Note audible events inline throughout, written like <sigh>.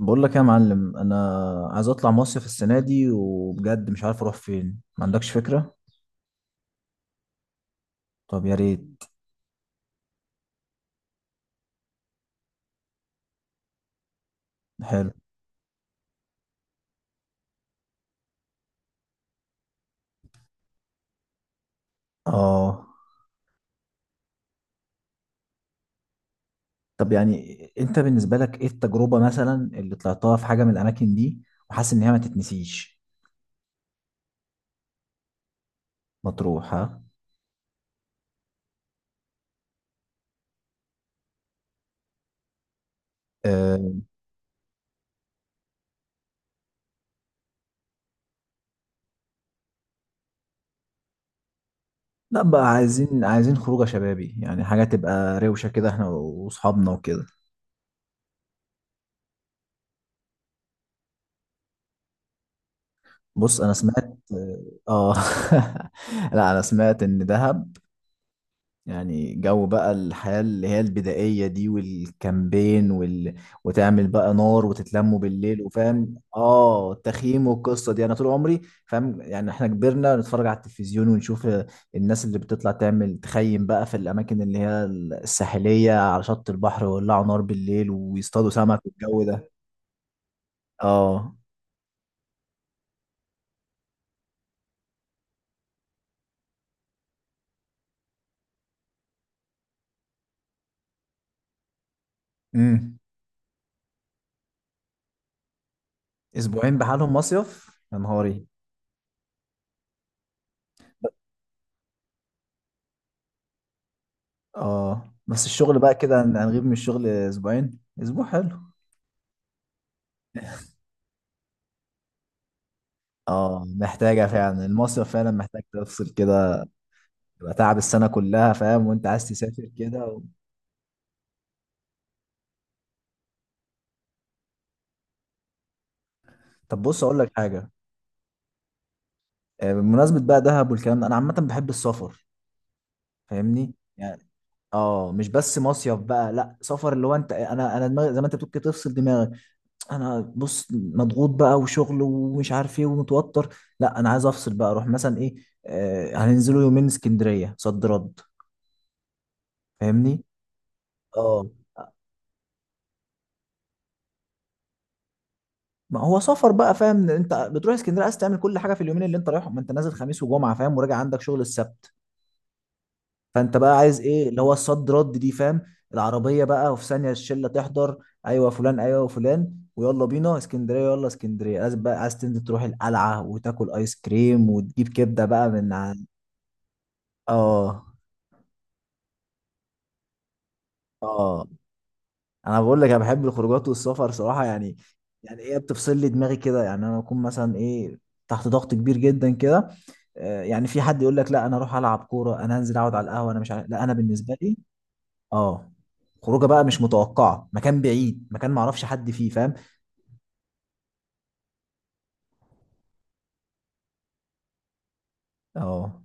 بقول لك إيه يا معلم، انا عايز اطلع مصيف السنه دي، وبجد مش عارف اروح فين، ما عندكش فكره؟ طب يا ريت. حلو. اه. طب يعني انت بالنسبه لك ايه التجربه، مثلا اللي طلعتها في حاجه من الاماكن دي وحاسس ان هي ما تتنسيش؟ مطروح، ها. أه. لا بقى، عايزين خروجه شبابي، يعني حاجه تبقى روشه كده، احنا واصحابنا وكده. بص انا سمعت. اه. <laughs> لا انا سمعت ان دهب، يعني جو بقى الحياة اللي هي البدائية دي والكامبين وتعمل بقى نار وتتلموا بالليل، وفاهم التخييم والقصة دي، انا طول عمري فاهم، يعني احنا كبرنا نتفرج على التلفزيون ونشوف الناس اللي بتطلع تعمل تخيم بقى في الاماكن اللي هي الساحلية على شط البحر، ويولعوا نار بالليل، ويصطادوا سمك، والجو ده. اه. امم اسبوعين بحالهم مصيف يا نهاري! اه، بس الشغل بقى كده هنغيب من الشغل اسبوعين، اسبوع حلو. اه محتاجة فعلا، المصيف فعلا محتاج تفصل كده. يبقى تعب السنة كلها، فاهم، وانت عايز تسافر كده طب بص اقول لك حاجة. بمناسبة بقى دهب والكلام ده، انا عامة بحب السفر. فاهمني يعني. اه، مش بس مصيف بقى، لا سفر اللي هو انت انا انا دماغي زي ما انت بتقول كده، تفصل دماغك. انا بص مضغوط بقى، وشغل ومش عارف ايه ومتوتر. لا انا عايز افصل بقى، اروح مثلا ايه. هننزلوا يومين اسكندرية صد رد. فاهمني. اه، ما هو سفر بقى، فاهم، انت بتروح اسكندريه عايز تعمل كل حاجه في اليومين اللي انت رايحهم، ما انت نازل خميس وجمعه فاهم، وراجع عندك شغل السبت. فانت بقى عايز ايه اللي هو الصد رد دي، فاهم. العربيه بقى، وفي ثانيه الشله تحضر. ايوه فلان، ايوه فلان، ويلا بينا اسكندريه، يلا اسكندريه، عايز تنزل تروح القلعه، وتاكل ايس كريم، وتجيب كبده بقى اه. اه. انا بقول لك، انا بحب الخروجات والسفر صراحه يعني. يعني ايه، بتفصل لي دماغي كده، يعني انا بكون مثلا ايه، تحت ضغط كبير جدا كده. يعني في حد يقول لك لا انا اروح العب كوره، انا هنزل اقعد على القهوه، انا مش عارف، لا انا بالنسبه لي. اه. خروجه بقى مش متوقعه، مكان بعيد، مكان ما اعرفش حد فيه، فاهم. اه،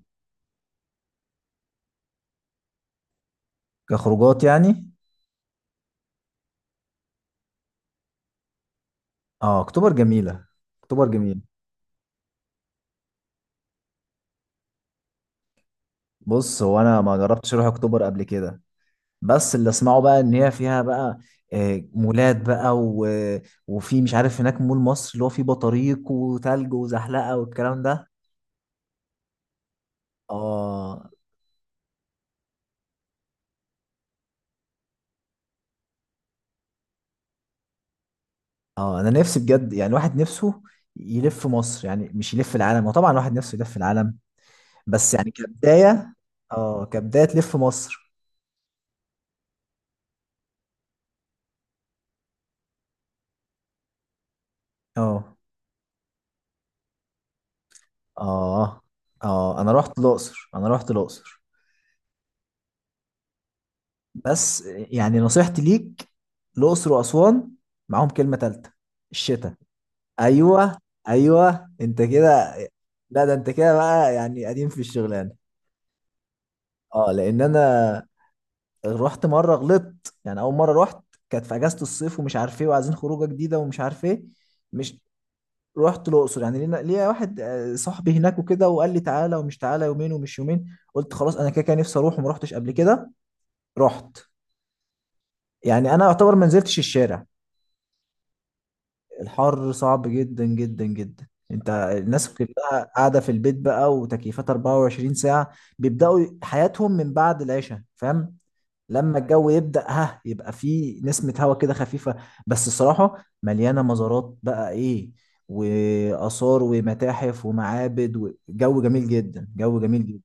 كخروجات يعني. اه، اكتوبر جميله. اكتوبر جميل. بص هو انا ما جربتش اروح اكتوبر قبل كده. بس اللي اسمعه بقى ان هي فيها بقى، مولات بقى وفي مش عارف هناك مول مصر، اللي هو فيه بطاريق وتلج وزحلقه والكلام ده. اه. اه انا نفسي بجد، يعني واحد نفسه يلف مصر، يعني مش يلف العالم، وطبعا واحد نفسه يلف العالم. بس يعني كبدايه. اه، كبدايه تلف مصر. اه. اه. اه، انا رحت الاقصر، انا رحت الاقصر. بس يعني نصيحتي ليك، الاقصر واسوان، معاهم كلمه ثالثه: الشتاء. ايوه. ايوه انت كده. لا ده انت كده بقى، يعني قديم في الشغلانه. اه، لان انا رحت مره غلطت، يعني اول مره رحت كانت في اجازه الصيف، ومش عارف ايه، وعايزين خروجه جديده، ومش عارف ايه. مش رحت الاقصر، يعني ليا واحد صاحبي هناك وكده، وقال لي تعالى ومش تعالى، يومين ومش يومين. قلت خلاص، انا كده كده نفسي اروح وما رحتش قبل كده. رحت. يعني انا اعتبر ما نزلتش الشارع. الحر صعب جدا جدا جدا، انت الناس كلها قاعده في البيت بقى وتكييفات 24 ساعه. بيبداوا حياتهم من بعد العشاء، فاهم. لما الجو يبدا، ها يبقى في نسمه هواء كده خفيفه. بس الصراحه مليانه مزارات بقى، ايه واثار ومتاحف ومعابد وجو جميل جدا، جو جميل جدا.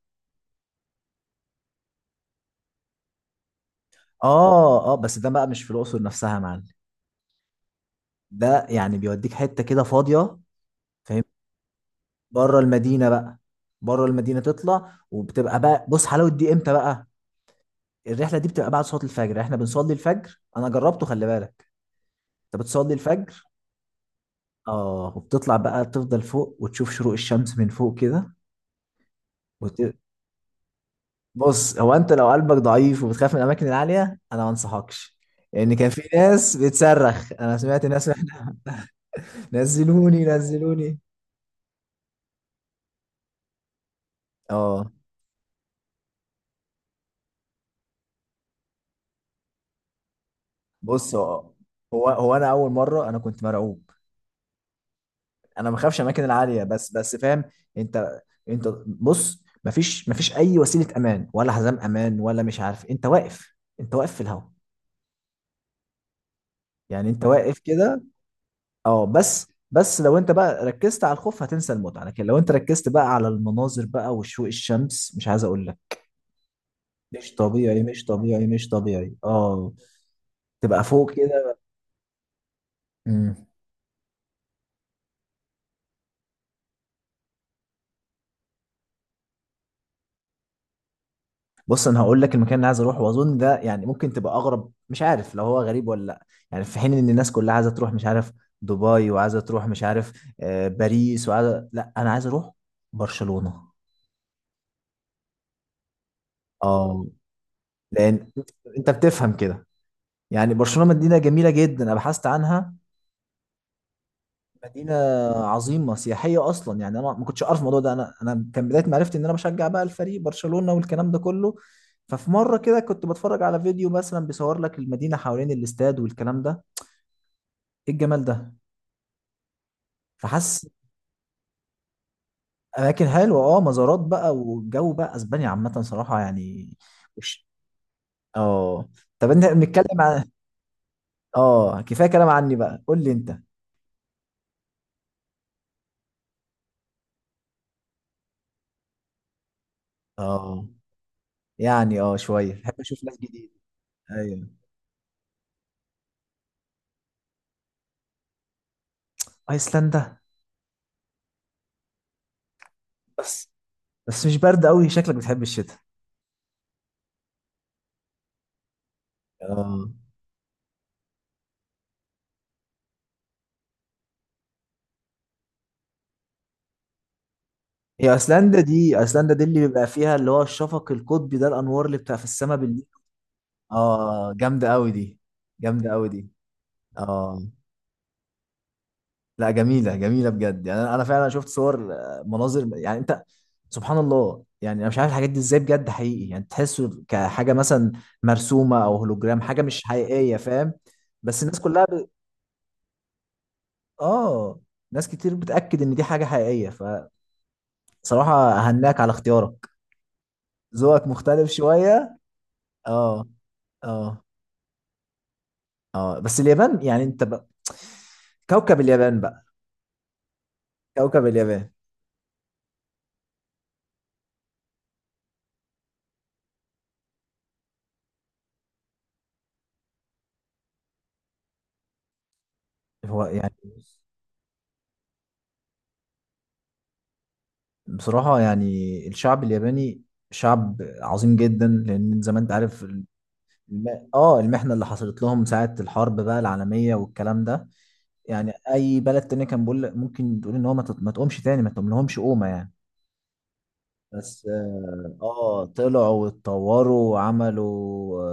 اه. اه بس ده بقى مش في الاقصر نفسها يا معلم. ده يعني بيوديك حته كده فاضيه. فاهم، بره المدينه بقى. بره المدينه تطلع، وبتبقى بقى، بص حلاوه دي امتى بقى؟ الرحله دي بتبقى بعد صلاه الفجر، احنا بنصلي الفجر، انا جربته، خلي بالك. انت بتصلي الفجر. اه وبتطلع بقى تفضل فوق، وتشوف شروق الشمس من فوق كده وت... بص هو، انت لو قلبك ضعيف وبتخاف من الاماكن العاليه انا ما انصحكش. لان كان في ناس بتصرخ، انا سمعت ناس <laughs> نزلوني نزلوني! اه، بص هو انا اول مره انا كنت مرعوب. انا ما بخافش الاماكن العاليه، بس فاهم. انت انت بص مفيش اي وسيله امان، ولا حزام امان، ولا مش عارف، انت واقف. انت واقف في الهواء. يعني انت واقف كده. اه، بس لو انت بقى ركزت على الخوف هتنسى المتعه، لكن لو انت ركزت بقى على المناظر بقى وشروق الشمس، مش عايز اقول لك. مش طبيعي، مش طبيعي، مش طبيعي، اه. تبقى فوق كده. مم. بص انا هقول لك المكان اللي عايز اروحه، واظن ده يعني ممكن تبقى اغرب، مش عارف لو هو غريب ولا لا. يعني في حين ان الناس كلها عايزه تروح مش عارف دبي، وعايزه تروح مش عارف باريس، وعايزه، لا انا عايز اروح برشلونه. اه، لان انت بتفهم كده. يعني برشلونه مدينه جميله جدا، انا بحثت عنها. مدينه عظيمه سياحيه اصلا، يعني انا ما كنتش اعرف الموضوع ده، انا كان بدايه معرفتي ان انا بشجع بقى الفريق برشلونه والكلام ده كله. ففي مره كده كنت بتفرج على فيديو مثلا بيصور لك المدينه حوالين الاستاد والكلام ده، ايه الجمال ده! فحاسس. اماكن حلوه، اه مزارات بقى، والجو بقى اسبانيا عامه صراحه يعني. وش اه. طب انت بنتكلم عن. اه، كفايه كلام عني بقى، قول لي انت. اه، يعني شويه بحب اشوف ناس جديده. ايوه. ايسلندا. بس بس مش برد قوي، شكلك بتحب الشتاء. اه، هي ايسلندا دي، ايسلندا دي اللي بيبقى فيها اللي هو الشفق القطبي ده، الانوار اللي بتبقى في السماء بالليل. اه جامده قوي دي. جامده قوي دي. اه. لا جميلة جميلة بجد، يعني أنا فعلا شفت صور، مناظر يعني أنت. سبحان الله، يعني أنا مش عارف الحاجات دي إزاي، بجد حقيقي، يعني تحسه كحاجة مثلا مرسومة أو هولوجرام، حاجة مش حقيقية فاهم. بس الناس كلها آه. ناس كتير بتأكد إن دي حاجة حقيقية. فصراحة، أهناك على اختيارك. ذوقك مختلف شوية. آه. آه. آه، بس اليابان، يعني أنت بقى كوكب اليابان بقى. كوكب اليابان! هو يعني. بصراحة يعني الشعب الياباني شعب عظيم جدا، لأن زي ما أنت عارف الم... المحنة اللي حصلت لهم ساعة الحرب بقى العالمية والكلام ده، يعني أي بلد تاني كان بقول ممكن تقول إن هو ما تقومش تاني، ما تقوم لهمش قومة يعني. بس طلعوا واتطوروا وعملوا،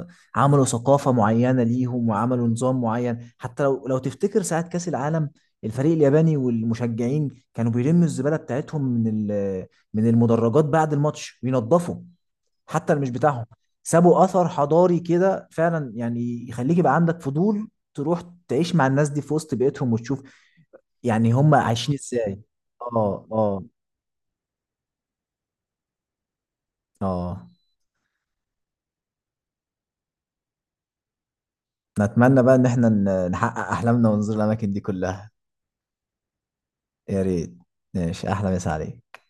آه، عملوا ثقافة معينة ليهم وعملوا نظام معين، حتى لو تفتكر ساعة كأس العالم، الفريق الياباني والمشجعين كانوا بيلموا الزبالة بتاعتهم من المدرجات بعد الماتش، وينظفوا، حتى اللي مش بتاعهم. سابوا أثر حضاري كده فعلا، يعني يخليك يبقى عندك فضول تروح، تعيش مع الناس دي في وسط بيئتهم، وتشوف يعني هم عايشين ازاي. اه. اه. اه. نتمنى بقى ان احنا نحقق احلامنا ونزور الاماكن دي كلها. يا ريت. ماشي، احلى مسا عليك.